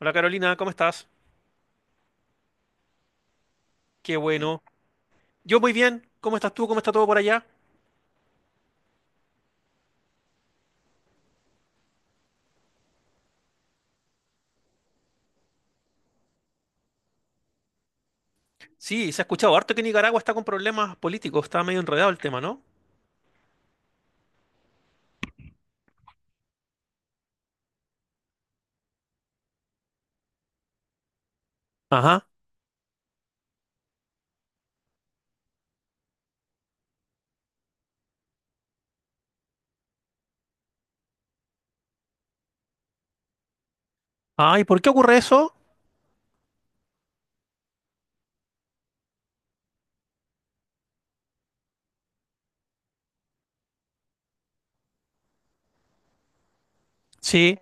Hola Carolina, ¿cómo estás? Qué bueno. Yo muy bien. ¿Cómo estás tú? ¿Cómo está todo por allá? Sí, se ha escuchado harto que Nicaragua está con problemas políticos. Está medio enredado el tema, ¿no? Ajá. Ay, ¿por qué ocurre eso? Sí.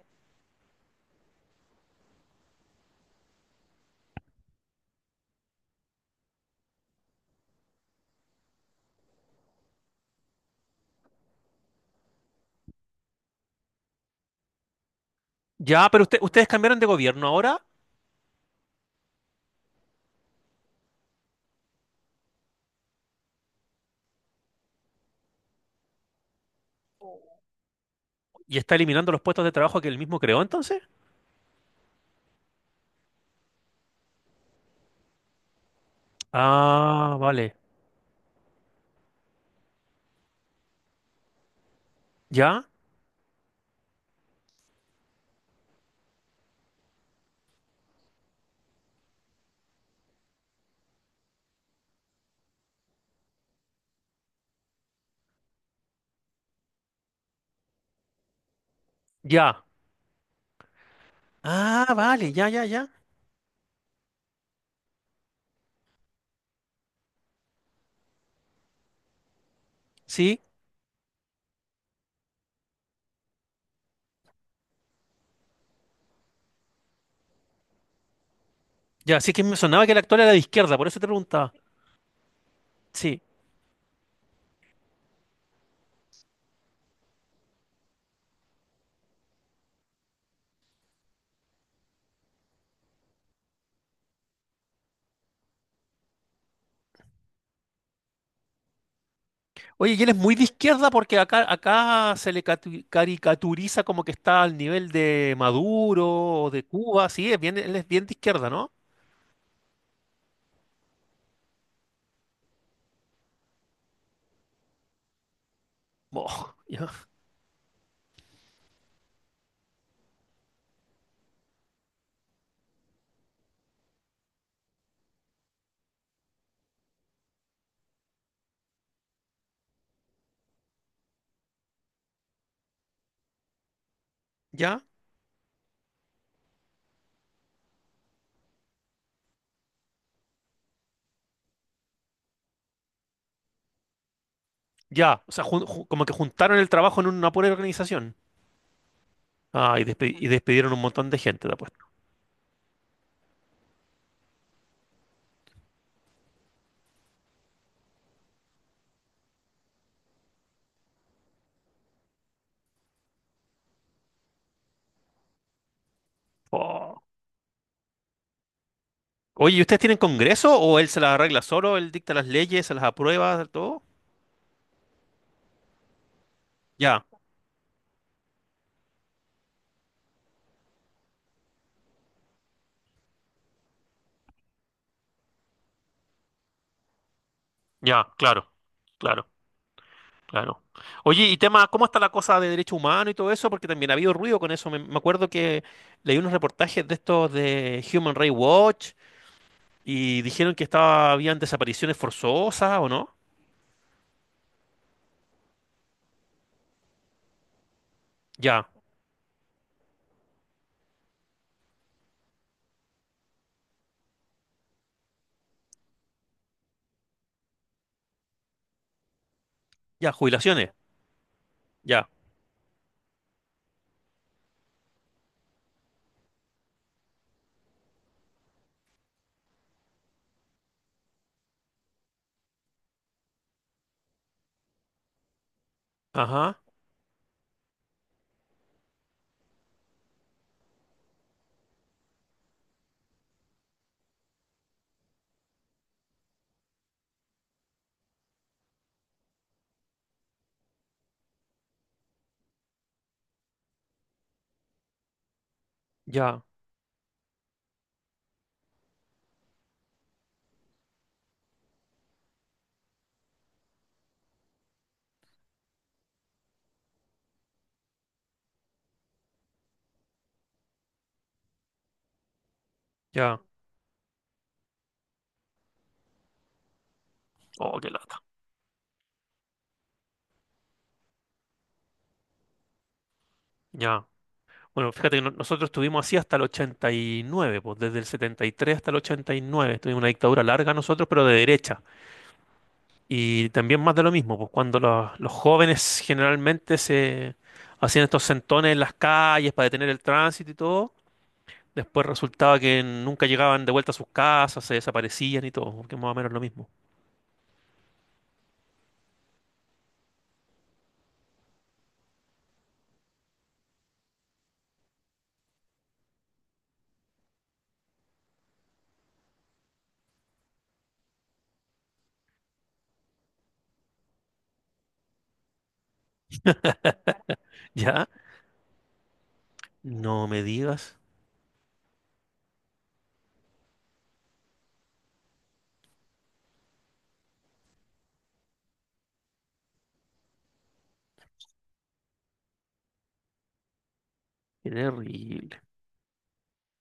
Ya, pero ustedes cambiaron de gobierno ahora y está eliminando los puestos de trabajo que él mismo creó, entonces. Ah, vale. ¿Ya? Ya. Ah, vale, ya, ya, ya. Sí, ya. Sí que me sonaba que el actual era de izquierda, por eso te preguntaba. Sí. Oye, y él es muy de izquierda porque acá se le caricaturiza como que está al nivel de Maduro o de Cuba, sí, es bien, él es bien de izquierda, ¿no? Boh, ya, ya, ya. O sea, como que juntaron el trabajo en una pura organización. Ah, y, y despidieron un montón de gente, te apuesto. Oh. Oye, ¿y ustedes tienen congreso o él se las arregla solo? ¿Él dicta las leyes, se las aprueba, todo? Ya, ya, claro, claro. Claro. Oye, y tema, ¿cómo está la cosa de derechos humanos y todo eso? Porque también ha habido ruido con eso. Me acuerdo que leí unos reportajes de estos de Human Rights Watch y dijeron que estaba, habían desapariciones forzosas, ¿o no? Ya, ya, jubilaciones, ya. Ajá, ya, ya. Oh, qué lata. Ya. Bueno, fíjate que nosotros estuvimos así hasta el 89, pues desde el 73 hasta el 89. Tuvimos una dictadura larga nosotros, pero de derecha. Y también más de lo mismo, pues cuando los jóvenes generalmente se hacían estos sentones en las calles para detener el tránsito y todo, después resultaba que nunca llegaban de vuelta a sus casas, se desaparecían y todo, que es más o menos lo mismo. ¿Ya? No me digas, qué terrible.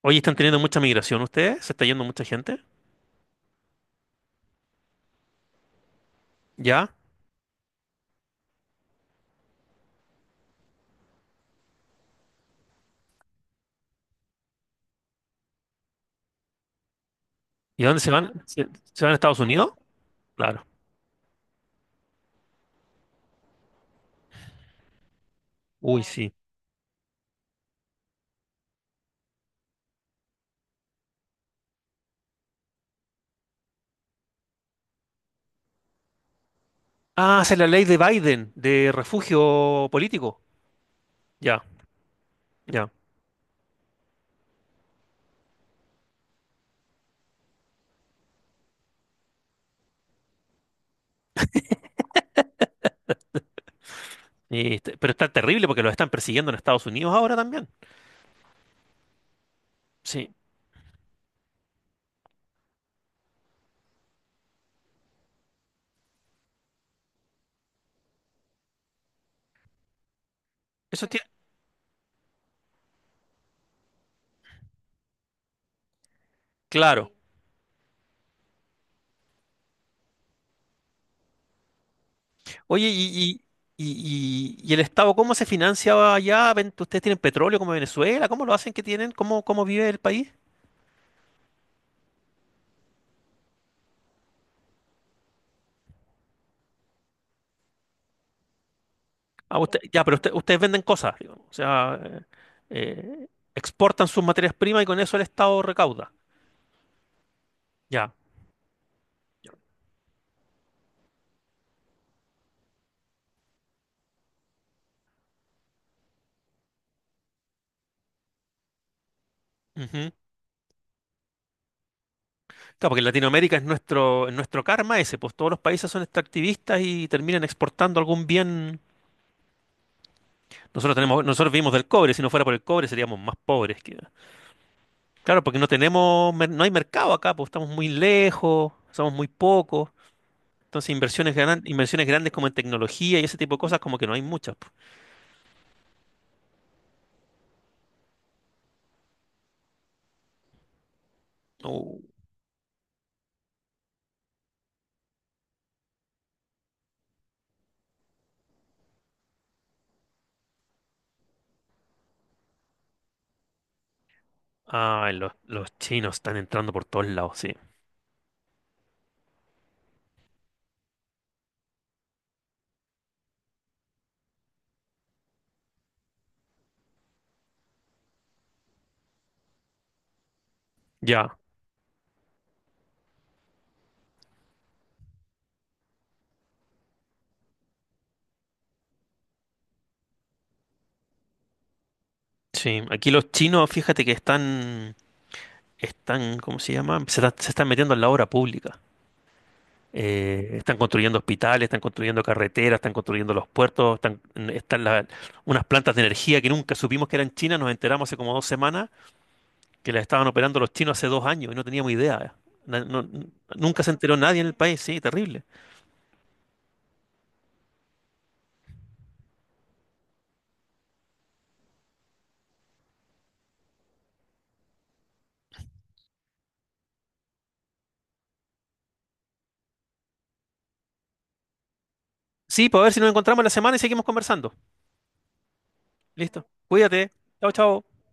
Oye, ¿están teniendo mucha migración ustedes? ¿Se está yendo mucha gente? ¿Ya? ¿Y a dónde se van? Se van a Estados Unidos? Claro. Uy, sí. Ah, esa es la ley de Biden, de refugio político. Ya, ya. Pero está terrible porque los están persiguiendo en Estados Unidos ahora también. Sí. Eso tiene, claro. Oye, y el Estado ¿cómo se financia allá? ¿Ustedes tienen petróleo como Venezuela? ¿Cómo lo hacen que tienen? Cómo vive el país? Ah, ya, pero ustedes venden cosas, digamos. O sea, eh, exportan sus materias primas y con eso el Estado recauda. Ya. Ujú. Claro, porque en Latinoamérica es es nuestro karma ese, pues todos los países son extractivistas y terminan exportando algún bien. Nosotros vivimos del cobre, si no fuera por el cobre seríamos más pobres que... Claro, porque no tenemos, no hay mercado acá, pues estamos muy lejos, somos muy pocos. Entonces inversiones grandes como en tecnología y ese tipo de cosas como que no hay muchas, pues. Uh, ay, los chinos están entrando por todos lados, sí. Ya, sí. Aquí los chinos, fíjate que ¿cómo se llama? Se están metiendo en la obra pública. Están construyendo hospitales, están construyendo carreteras, están construyendo los puertos, están la- unas plantas de energía que nunca supimos que eran chinas, nos enteramos hace como 2 semanas que las estaban operando los chinos hace 2 años y no teníamos idea. Na- no- n- Nunca se enteró nadie en el país, sí, terrible. Sí, pues a ver si nos encontramos la semana y seguimos conversando. Listo. Cuídate. Chao, chao.